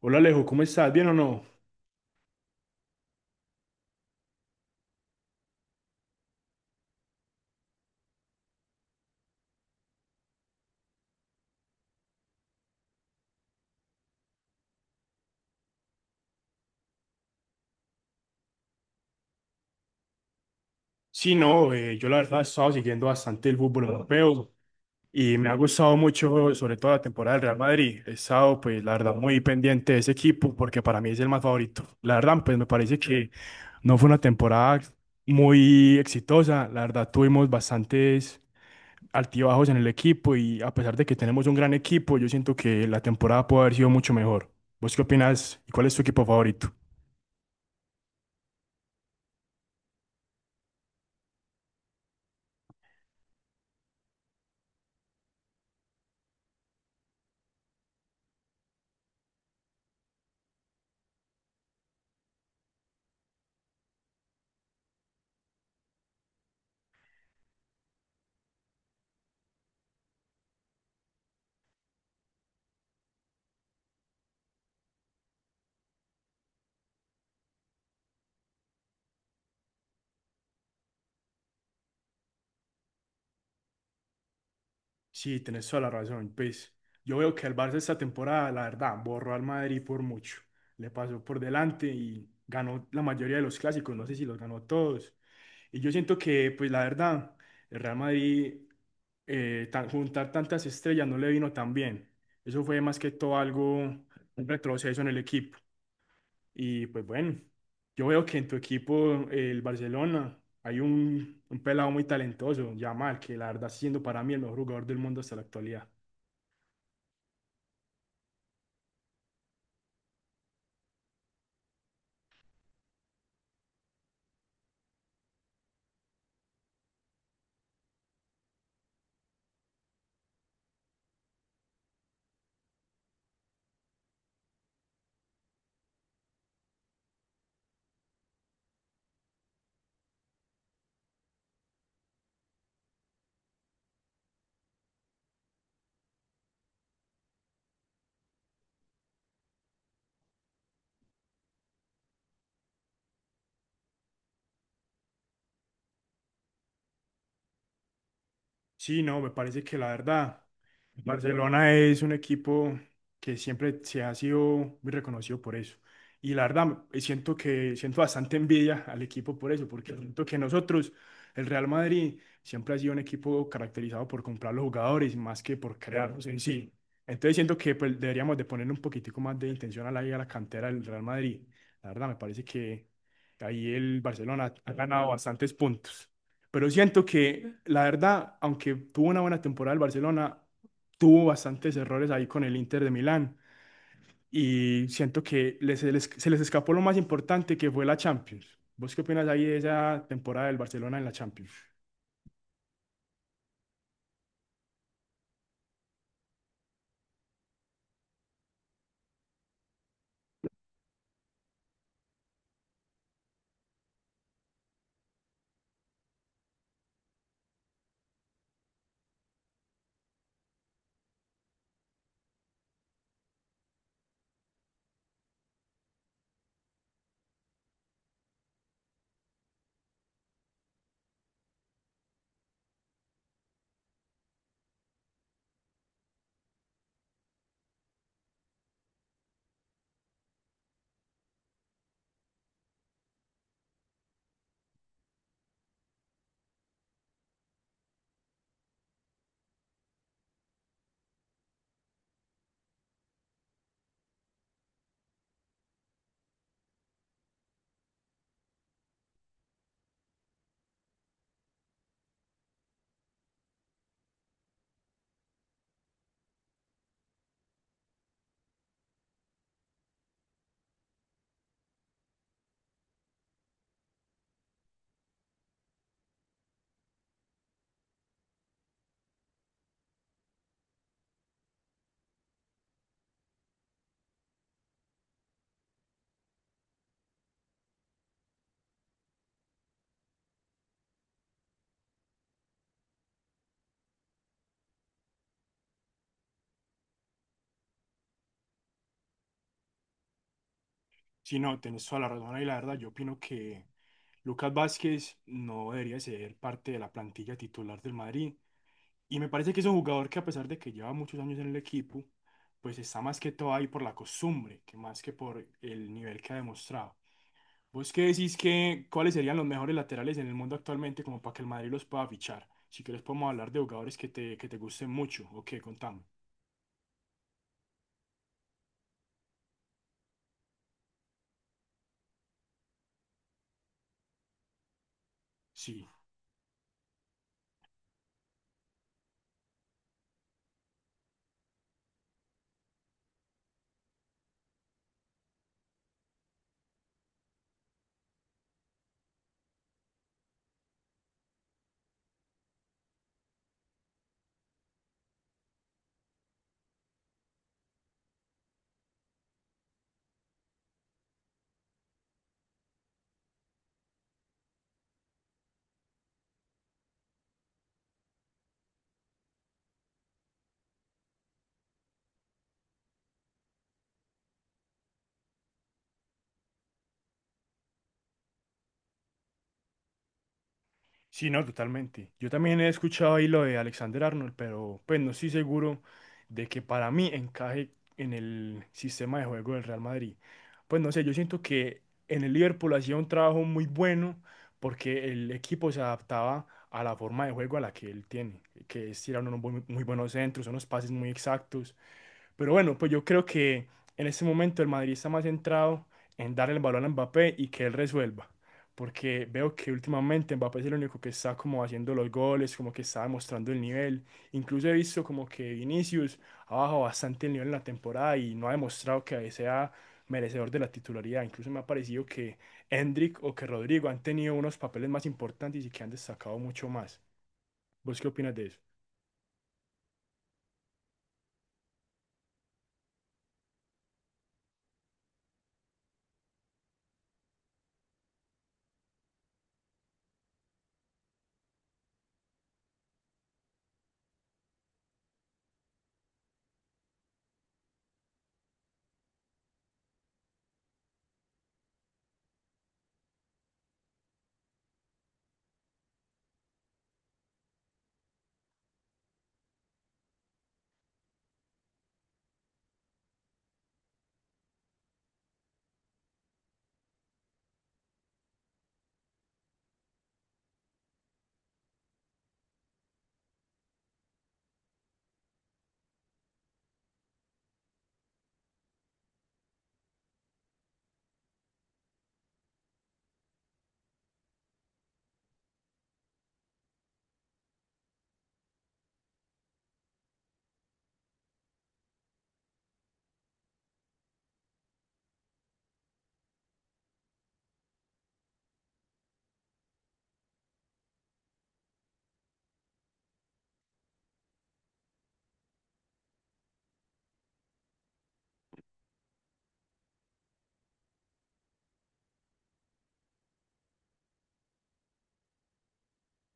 Hola Alejo, ¿cómo estás? ¿Bien o no? Sí, no, yo la verdad he estado siguiendo bastante el fútbol europeo y me ha gustado mucho, sobre todo la temporada del Real Madrid. He estado, pues, la verdad, muy pendiente de ese equipo porque para mí es el más favorito. La verdad, pues, me parece que no fue una temporada muy exitosa. La verdad, tuvimos bastantes altibajos en el equipo y a pesar de que tenemos un gran equipo, yo siento que la temporada puede haber sido mucho mejor. ¿Vos qué opinas y cuál es tu equipo favorito? Sí, tenés toda la razón. Pues yo veo que el Barça esta temporada, la verdad, borró al Madrid por mucho. Le pasó por delante y ganó la mayoría de los clásicos. No sé si los ganó todos. Y yo siento que, pues la verdad, el Real Madrid, juntar tantas estrellas no le vino tan bien. Eso fue más que todo algo, un retroceso en el equipo. Y pues bueno, yo veo que en tu equipo, el Barcelona, hay un pelado muy talentoso, Yamal, que la verdad siendo para mí el mejor jugador del mundo hasta la actualidad. Sí, no, me parece que la verdad, Barcelona es un equipo que siempre se ha sido muy reconocido por eso. Y la verdad, siento que siento bastante envidia al equipo por eso, porque siento que nosotros, el Real Madrid, siempre ha sido un equipo caracterizado por comprar los jugadores más que por crearlos en sí. Entonces siento que pues, deberíamos de poner un poquitico más de intención a a la cantera del Real Madrid. La verdad, me parece que ahí el Barcelona ha ganado bastantes puntos. Pero siento que, la verdad, aunque tuvo una buena temporada el Barcelona, tuvo bastantes errores ahí con el Inter de Milán. Y siento que se les escapó lo más importante que fue la Champions. ¿Vos qué opinas ahí de esa temporada del Barcelona en la Champions? Sí, no, tenés toda la razón y la verdad, yo opino que Lucas Vázquez no debería ser parte de la plantilla titular del Madrid. Y me parece que es un jugador que a pesar de que lleva muchos años en el equipo, pues está más que todo ahí por la costumbre, que más que por el nivel que ha demostrado. ¿Vos qué decís que cuáles serían los mejores laterales en el mundo actualmente como para que el Madrid los pueda fichar? Si querés podemos hablar de jugadores que que te gusten mucho. Ok, contame. Sí. Sí, no, totalmente. Yo también he escuchado ahí lo de Alexander Arnold, pero pues no estoy seguro de que para mí encaje en el sistema de juego del Real Madrid. Pues no sé, yo siento que en el Liverpool hacía un trabajo muy bueno porque el equipo se adaptaba a la forma de juego a la que él tiene, que es tirar unos muy buenos centros, unos pases muy exactos. Pero bueno, pues yo creo que en este momento el Madrid está más centrado en dar el balón a Mbappé y que él resuelva porque veo que últimamente Mbappé es el único que está como haciendo los goles, como que está demostrando el nivel. Incluso he visto como que Vinicius ha bajado bastante el nivel en la temporada y no ha demostrado que sea merecedor de la titularidad. Incluso me ha parecido que Endrick o que Rodrigo han tenido unos papeles más importantes y que han destacado mucho más. ¿Vos qué opinas de eso?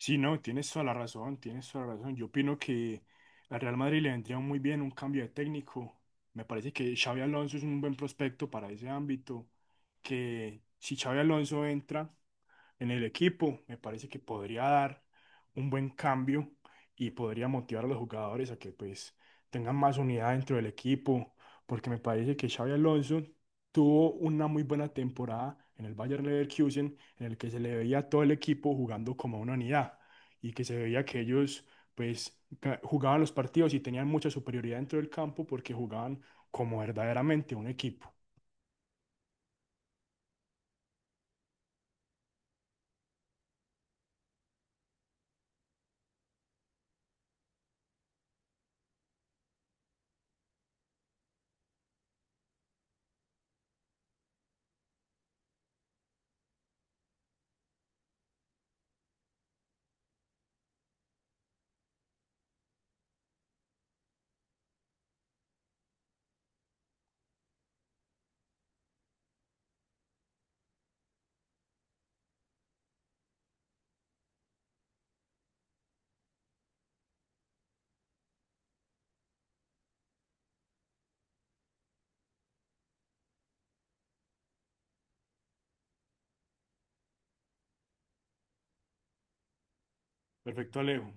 Sí, no, tienes toda la razón, tienes toda la razón. Yo opino que al Real Madrid le vendría muy bien un cambio de técnico. Me parece que Xavi Alonso es un buen prospecto para ese ámbito, que si Xavi Alonso entra en el equipo, me parece que podría dar un buen cambio y podría motivar a los jugadores a que pues tengan más unidad dentro del equipo, porque me parece que Xavi Alonso tuvo una muy buena temporada en el Bayern Leverkusen, en el que se le veía a todo el equipo jugando como una unidad y que se veía que ellos pues jugaban los partidos y tenían mucha superioridad dentro del campo porque jugaban como verdaderamente un equipo. Perfecto, Alejo.